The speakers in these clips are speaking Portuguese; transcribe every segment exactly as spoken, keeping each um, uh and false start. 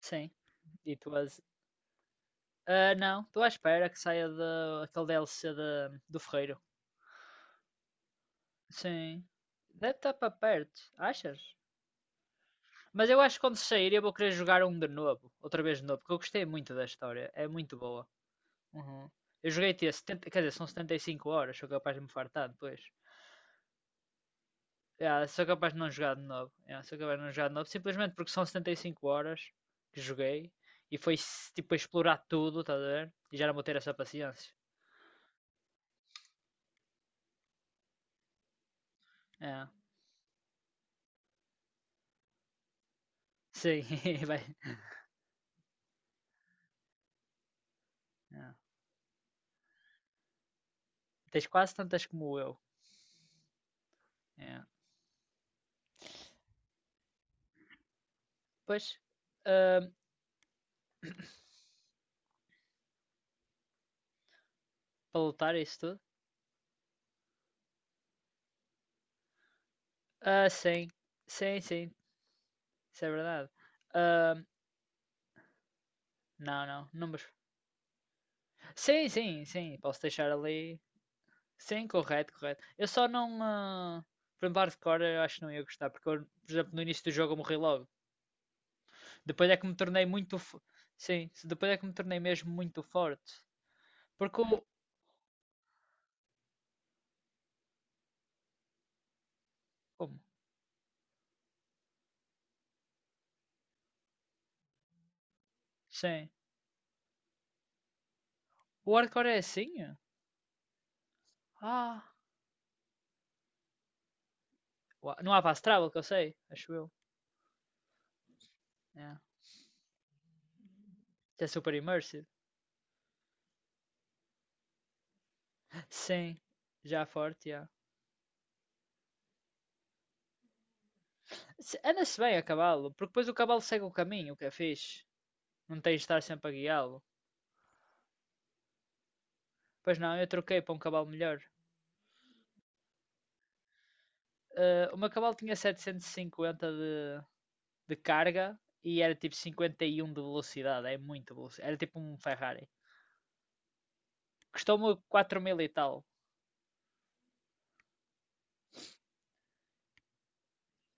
Sim. E tu as. Ah, não, estou à espera que saia de, aquele D L C de, do Ferreiro. Sim. Deve estar para perto, achas? Mas eu acho que quando sair eu vou querer jogar um de novo, outra vez de novo, porque eu gostei muito da história, é muito boa. Uhum. Eu joguei até setenta, quer dizer, são setenta e cinco horas, sou capaz de me fartar depois. Yeah, sou capaz de não jogar de novo. Yeah, sou capaz de não jogar de novo, simplesmente porque são setenta e cinco horas que joguei e foi tipo a explorar tudo, estás a ver? E já não vou ter essa paciência. É. Sim, vai. É. Tens quase tantas como eu. É. Pois, ahm, para lutar isso tudo? Ah, sim. Sim, sim, isso é verdade. Ahm, não, não, números. Sim, sim, sim, posso deixar ali. Sim, correto, correto. Eu só não. ah, Por exemplo, hardcore eu acho que não ia gostar, porque eu, por exemplo, no início do jogo eu morri logo. Depois é que me tornei muito. fo- Sim, se- depois é que me tornei mesmo muito forte. Porque o. Como? Sim. O hardcore é assim? Ah. Não há fast travel que eu sei, acho eu. Yeah. Que é super immersive. Sim, já é forte, já. Anda-se bem a cavalo, porque depois o cavalo segue o caminho, o que é fixe. Não tens de estar sempre a guiá-lo. Pois não, eu troquei para um cavalo melhor. Ah, o meu cavalo tinha setecentos e cinquenta de, de carga e era tipo cinquenta e um de velocidade, é muito velocidade. Era tipo um Ferrari. Custou-me quatro mil e tal.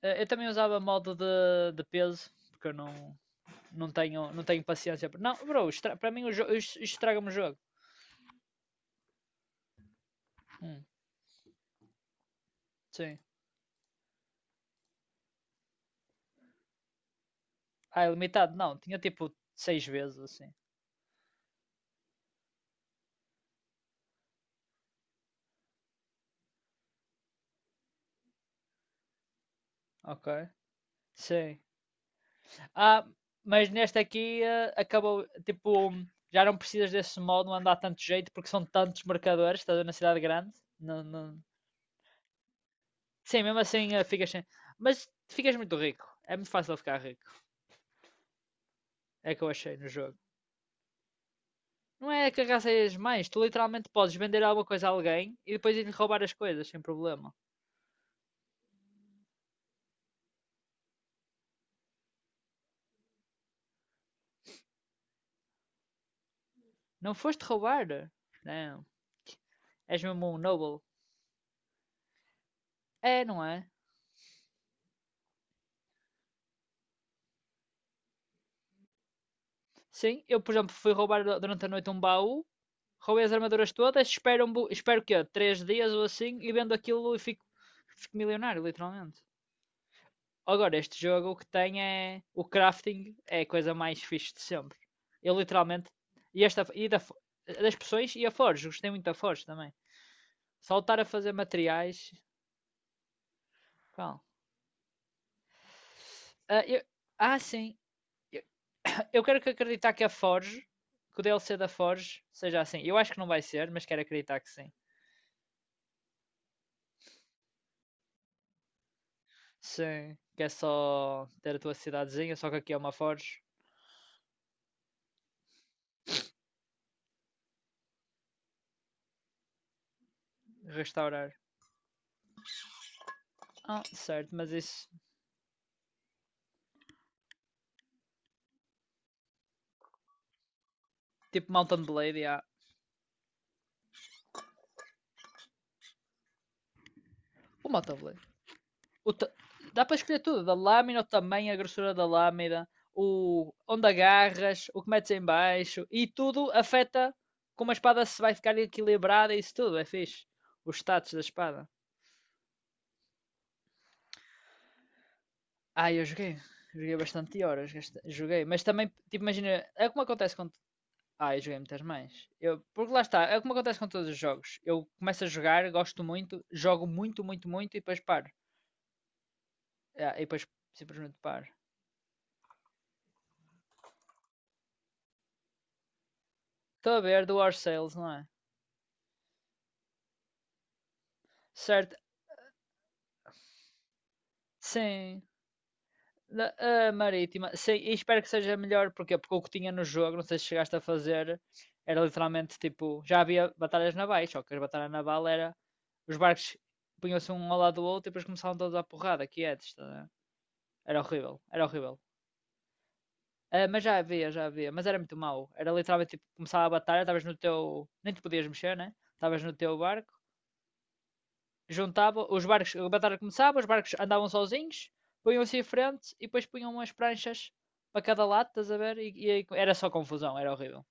Ah, eu também usava modo de, de peso, porque eu não, não tenho, não tenho paciência. Não, bro, estra- para mim o jogo estraga-me o jogo. Hum, sim. Ah, é limitado? Não, tinha tipo seis vezes assim. Ok. Sim. Ah, mas neste aqui eh, acabou, tipo, já não precisas desse modo, não andar tanto jeito, porque são tantos marcadores, estás a na cidade grande. Não, não... Sim, mesmo assim eh, ficas sem. Mas ficas muito rico. É muito fácil ficar rico. É que eu achei no jogo. Não é que arrasas mais, tu literalmente podes vender alguma coisa a alguém e depois ir-lhe roubar as coisas sem problema. Não foste roubar? Não. És mesmo um noble. É, não é? Sim, eu, por exemplo, fui roubar durante a noite um baú, roubei as armaduras todas, espero, um, espero que é três dias ou assim e vendo aquilo e fico, fico milionário, literalmente. Agora, este jogo o que tem é. O crafting é a coisa mais fixe de sempre. Eu literalmente. E esta. E da, das pessoas e a Forge, gostei muito da Forge também. Saltar a fazer materiais. Qual? Ah, eu- ah, sim. Eu quero que acreditar que a Forge, que o D L C da Forge seja assim. Eu acho que não vai ser, mas quero acreditar que sim. Sim, que é só ter a tua cidadezinha, só que aqui é uma Forge. Restaurar. Ah, certo, mas isso. Tipo Mountain Blade, yeah. O Mountain Blade. O ta- Dá para escolher tudo: da lâmina, o tamanho, a grossura da lâmina, o onde agarras, o que metes em baixo, e tudo afeta como a espada se vai ficar equilibrada e isso tudo. É fixe. Os status da espada. Ah, eu joguei. Joguei bastante horas. gasta- Joguei. Mas também, tipo, imagina, é como acontece com. Ah, eu joguei muitas mais. Eu, porque lá está, é como acontece com todos os jogos. Eu começo a jogar, gosto muito, jogo muito, muito, muito e depois paro. Ah, e depois simplesmente paro. Estou a ver do War Sales, não é? Certo? Sim. Da, a Marítima. Sim, e espero que seja melhor. Porquê? Porque o que tinha no jogo, não sei se chegaste a fazer, era literalmente tipo. Já havia batalhas navais, só que as batalhas naval era. Os barcos punham-se um ao lado do outro e depois começavam todos à porrada, que é disto, né? Era horrível, era horrível. Ah, mas já havia, já havia, mas era muito mau. Era literalmente tipo, começava a batalha, estavas no teu. Nem te podias mexer, né? Estavas no teu barco, juntava, os barcos, a batalha começava, os barcos andavam sozinhos, punham-se em frente e depois punham umas pranchas para cada lado, estás a ver? E, e era só confusão, era horrível.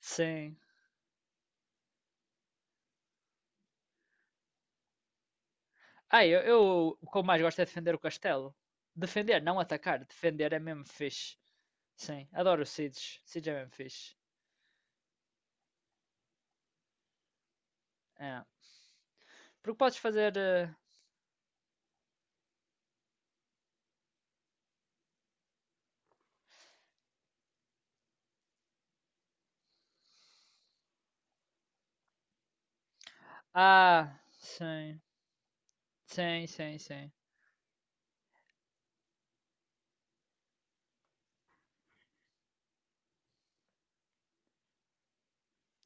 Sim. Ah, eu, eu o que eu mais gosto é defender o castelo. Defender, não atacar, defender é mesmo fixe. Sim, adoro o Seeds. Seeds é mesmo fixe. É. Porque podes fazer. eh, Ah, sim. Sim, sim, sim.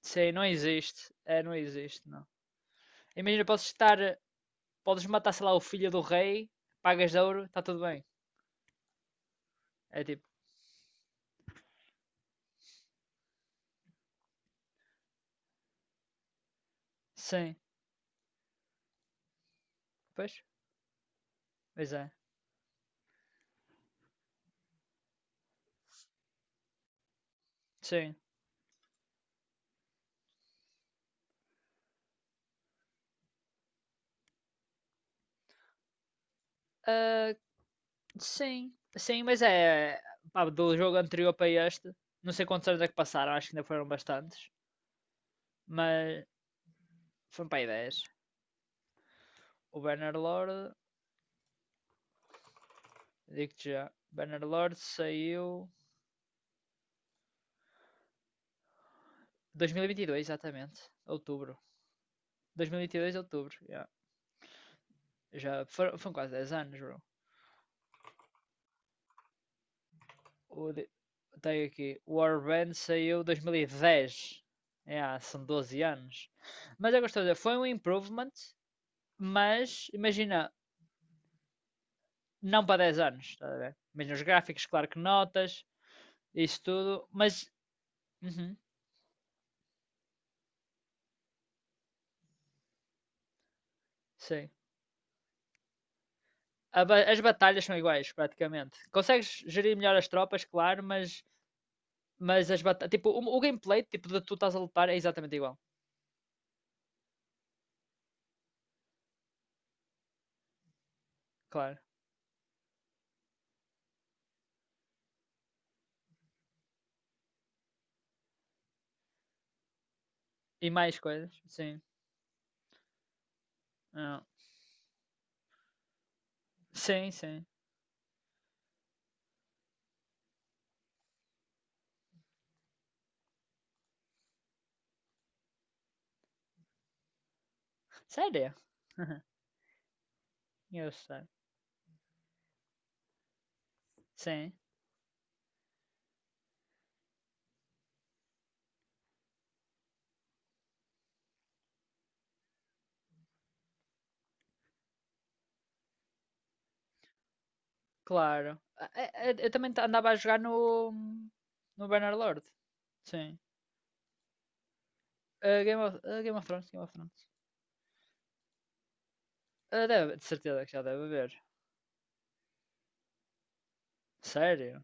Sim, não existe. É, não existe, não. Imagina, podes estar. eh, Podes matar, sei lá, o filho do rei, pagas de ouro, está tudo bem. É tipo, sim. Pois? Pois é. Sim. Ah, sim. Sim, mas é. Pá, do jogo anterior para este, não sei quantos anos é que passaram, acho que ainda foram bastantes. Mas foram para aí dez. O Bannerlord. Digo-te já. Bannerlord saiu dois mil e vinte e dois, exatamente. Outubro. dois mil e vinte e dois, outubro. Yeah. Já foram, foram quase dez anos, bro. O, de- tenho aqui. Warband saiu dois mil e dez. Yeah, são doze anos. Mas é gostoso. Foi um improvement, mas imagina, não para dez anos. Estás a ver? Imagina os gráficos, claro que notas, isso tudo. Mas. Uhum, sim. As batalhas são iguais, praticamente. Consegues gerir melhor as tropas, claro, mas Mas as batalhas, tipo, o, o gameplay, tipo, de tu estás a lutar é exatamente igual, claro. E mais coisas, sim. Ah, sim, sim. Sério? Eu sei. Sim, claro. Ah, é- é- eu, também ta- andava a jogar no, no Bannerlord. Sim. Ah, Game of, ah, Game of Thrones, Game of Thrones. Ah, deve- de certeza que já deve haver. Sério?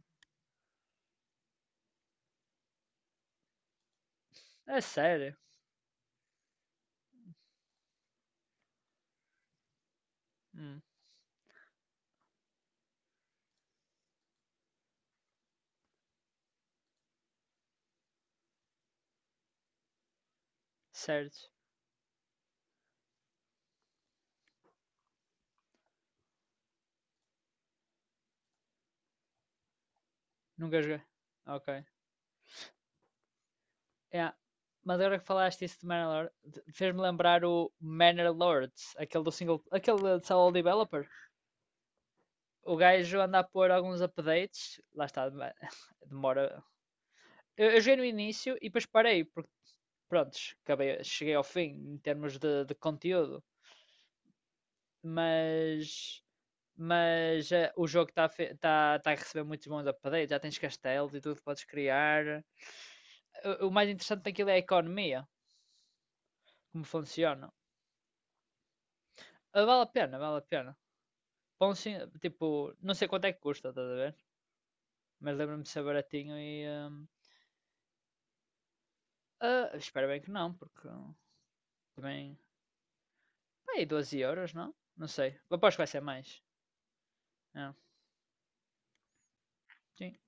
É sério? Hum, certo. Nunca joguei. Ok. Yeah. Mas agora que falaste isso de Manor Lord, fez-me lembrar o Manor Lords, aquele do single, aquele de solo developer. O gajo anda a pôr alguns updates, lá está, demora. Eu, eu joguei no início e depois parei, porque, pronto, acabei, cheguei ao fim em termos de, de conteúdo, mas, mas eh, o jogo está a, tá- tá a receber muitos bons updates, já tens castelos e tudo que podes criar. O, o mais interessante daquilo é a economia, como funciona. Ah, vale a pena, vale a pena. Pão sin- tipo, não sei quanto é que custa, estás a ver? Mas lembro-me de ser baratinho e. hum, ah, espero bem que não, porque hum, também. Pá, aí doze euros, não? Não sei. Aposto que vai ser mais. É, sim.